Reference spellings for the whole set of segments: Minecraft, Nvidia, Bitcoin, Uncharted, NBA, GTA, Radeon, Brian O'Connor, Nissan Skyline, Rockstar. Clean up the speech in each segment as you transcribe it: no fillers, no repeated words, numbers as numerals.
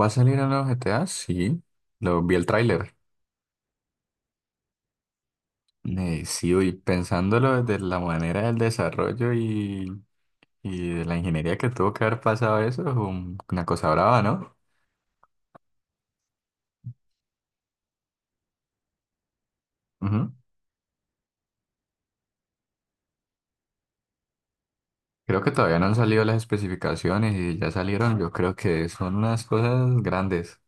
¿Va a salir en los GTA? Sí, lo vi el tráiler. Sí, y pensándolo desde la manera del desarrollo y de la ingeniería que tuvo que haber pasado eso, es una cosa brava, ¿no? Ujú. Creo que todavía no han salido las especificaciones y ya salieron, yo creo que son unas cosas grandes.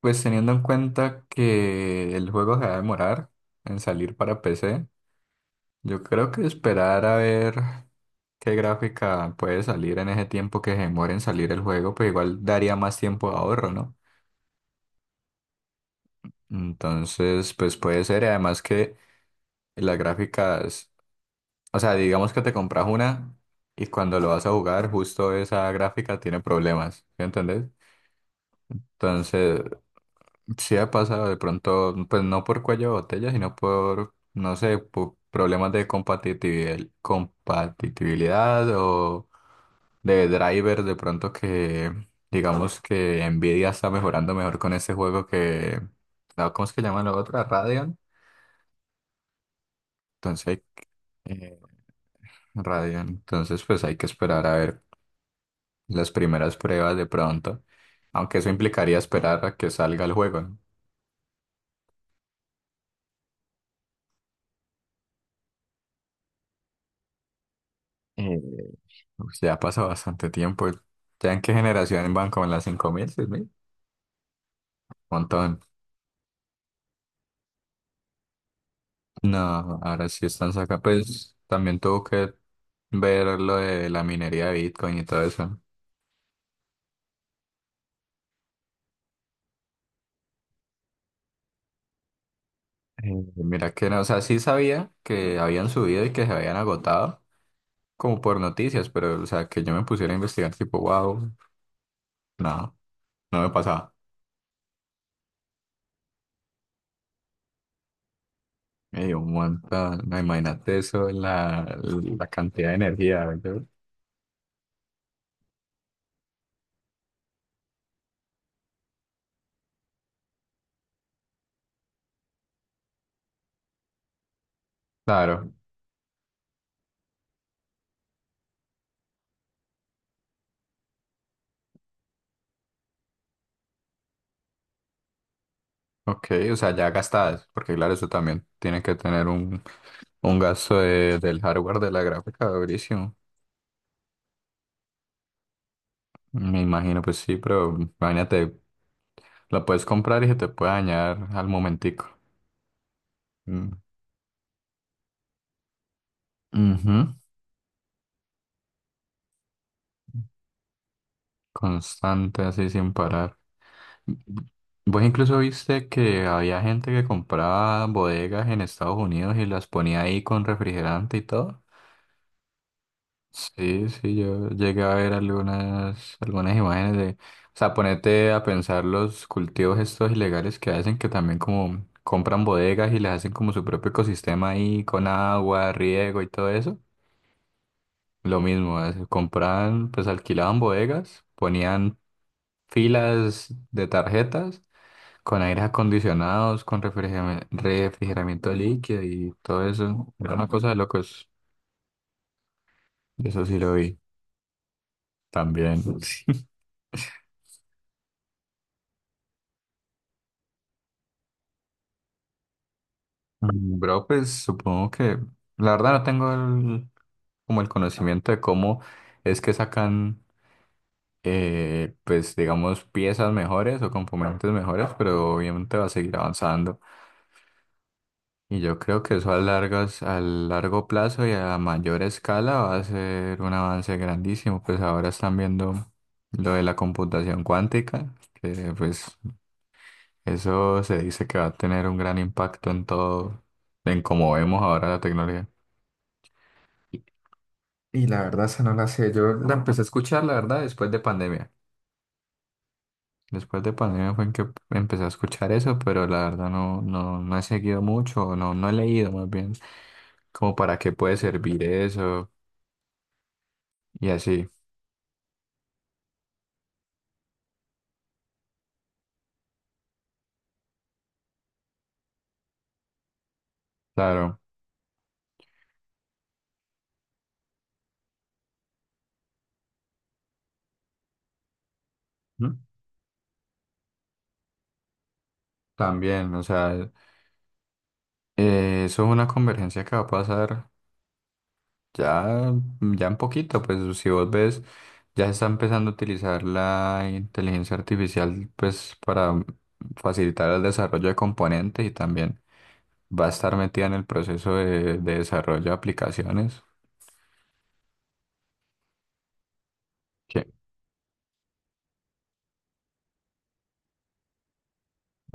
Pues teniendo en cuenta que el juego se va a demorar en salir para PC, yo creo que esperar a ver. ¿Qué gráfica puede salir en ese tiempo que se demora en salir el juego? Pues igual daría más tiempo de ahorro, ¿no? Entonces, pues puede ser. Además que las gráficas, o sea, digamos que te compras una y cuando lo vas a jugar, justo esa gráfica tiene problemas, ¿sí entendés? Entonces, sí ha pasado de pronto, pues no por cuello de botella, sino por, no sé, por problemas de compatibilidad o de driver de pronto que digamos que Nvidia está mejorando mejor con ese juego que no, ¿cómo es que llaman la otra? Radeon. Entonces, eh, Radeon. Entonces, pues hay que esperar a ver las primeras pruebas de pronto, aunque eso implicaría esperar a que salga el juego, ¿no? Eh, pues ya pasó bastante tiempo. ¿Ya en qué generación van? ¿Como en las 5000, mil? Montón. No, ahora sí están sacando. Pues también tuvo que ver lo de la minería de Bitcoin y todo eso. ¿No? Eh, Mira que no, o sea, sí sabía que habían subido y que se habían agotado, como por noticias, pero, o sea, que yo me pusiera a investigar, tipo, wow, no, no me pasaba. Me dio un montón, no, imagínate eso, la cantidad de energía, ¿verdad? Claro, ok, o sea, ya gastadas, porque claro, eso también tiene que tener un del hardware de la gráfica, durísimo. Me imagino, pues sí, pero imagínate, la puedes comprar y se te puede dañar al momentico. Mm. Ujú. Constante, así sin parar. Vos incluso viste que había gente que compraba bodegas en Estados Unidos y las ponía ahí con refrigerante y todo. Sí, sí, yo llegué a ver algunas, algunas imágenes o sea, ponete a pensar los cultivos estos ilegales que hacen, que también como compran bodegas y les hacen como su propio ecosistema ahí con agua, riego y todo eso. Lo mismo, compraban, pues alquilaban bodegas, ponían filas de tarjetas. Con aires acondicionados, con refrigeramiento líquido y todo eso. Era una cosa de locos. Eso sí lo vi también. Bro, pues supongo que la verdad no tengo como el conocimiento de cómo es que sacan, pues digamos, piezas mejores o componentes mejores, pero obviamente va a seguir avanzando. Y yo creo que eso a largas, a largo plazo y a mayor escala va a ser un avance grandísimo. Pues ahora están viendo lo de la computación cuántica, que pues eso se dice que va a tener un gran impacto en todo, en cómo vemos ahora la tecnología. Y y la verdad, esa no la sé. Yo la empecé a escuchar, la verdad, después de pandemia. Después de pandemia fue en que empecé a escuchar eso, pero la verdad no, no, no he seguido mucho, no, no he leído más bien como para qué puede servir eso. Y así, claro, ¿mm? También, o sea, eso es una convergencia que va a pasar ya, ya en poquito, pues si vos ves, ya se está empezando a utilizar la inteligencia artificial, pues para facilitar el desarrollo de componentes y también va a estar metida en el proceso de desarrollo de aplicaciones. Que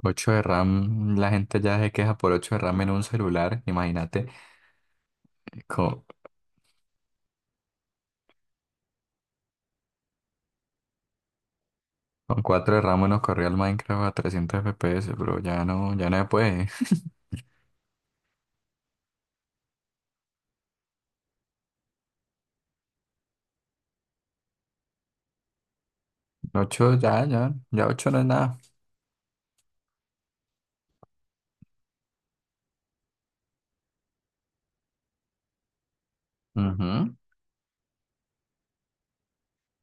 8 de RAM, la gente ya se queja por 8 de RAM en un celular, imagínate, co- Con cuatro de RAM nos corría el Minecraft a 300 FPS, pero ya no, ya no se puede. Ocho ya, ya, ya 8 no es nada. Ujú.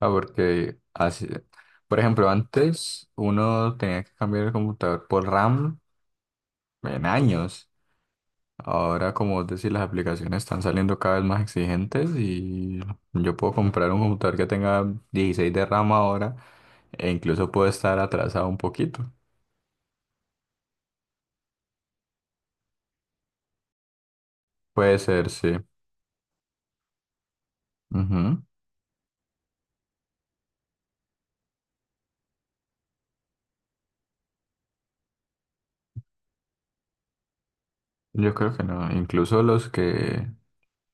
Ah, porque así, por ejemplo, antes uno tenía que cambiar el computador por RAM en años. Ahora, como vos decís, las aplicaciones están saliendo cada vez más exigentes y yo puedo comprar un computador que tenga 16 de RAM ahora e incluso puedo estar atrasado un poquito. Puede ser, sí. Ujú. Yo creo que no. Incluso los que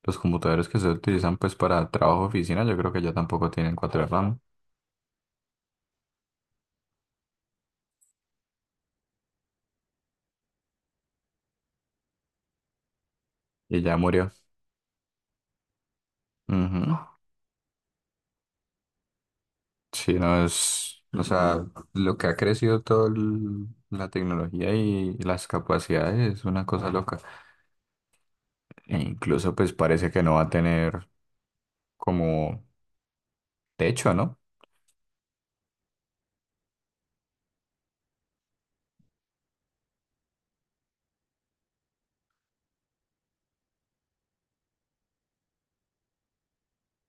los computadores que se utilizan pues para trabajo oficina, yo creo que ya tampoco tienen cuatro de RAM y ya murió. Ujú. Sí, no es, o sea, lo que ha crecido toda la tecnología y las capacidades es una cosa loca. E incluso pues parece que no va a tener como techo, ¿no?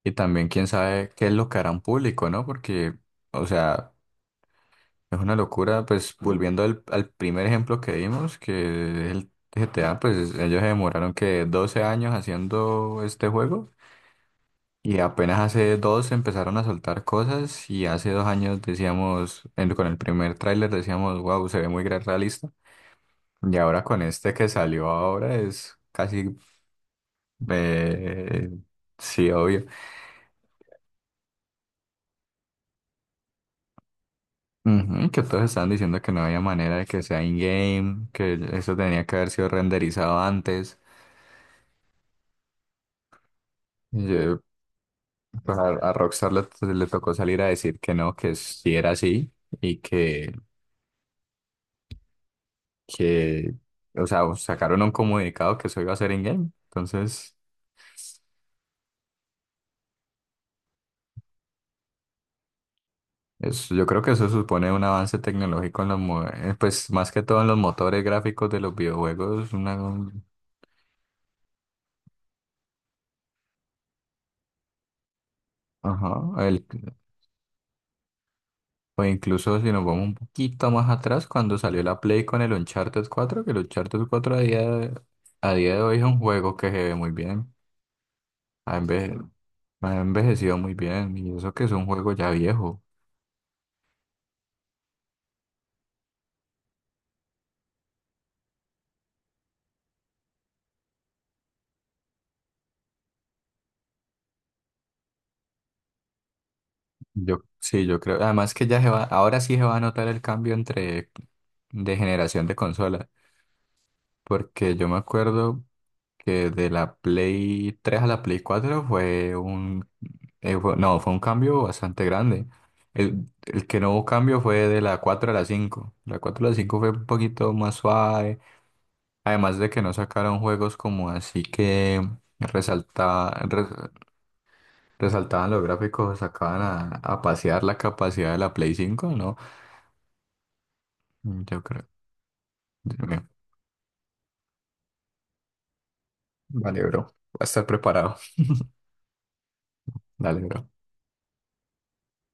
Y también quién sabe qué es lo que harán público, ¿no? Porque, o sea, es una locura, pues volviendo al primer ejemplo que vimos, que es el GTA, pues ellos se demoraron que 12 años haciendo este juego y apenas hace dos empezaron a soltar cosas y hace 2 años decíamos, con el primer tráiler decíamos, wow, se ve muy realista y ahora con este que salió ahora es casi, eh, sí, obvio. Ujú, que todos estaban diciendo que no había manera de que sea in-game, que eso tenía que haber sido renderizado antes. Pues a Rockstar le tocó salir a decir que no, que sí era así y que, que, o sea, sacaron un comunicado que eso iba a ser in-game. Entonces, yo creo que eso supone un avance tecnológico en los, pues más que todo en los motores gráficos de los videojuegos. Ajá, o incluso si nos vamos un poquito más atrás, cuando salió la Play con el Uncharted 4 que el Uncharted cuatro a a día de hoy es un juego que se ve muy bien. ha, enveje- Ha envejecido muy bien y eso que es un juego ya viejo. Yo sí, yo creo. Además que ya se va, ahora sí se va a notar el cambio entre de generación de consola, porque yo me acuerdo que de la Play 3 a la Play 4 fue un no, fue un cambio bastante grande. El que no hubo cambio fue de la 4 a la cinco. La 4 a la 5 fue un poquito más suave, además de que no sacaron juegos como así que resalta resaltaban los gráficos, sacaban a pasear la capacidad de la Play cinco, ¿no? Mm, yo creo. Dios mío. Vale, bro. Va a estar preparado. Dale, bro.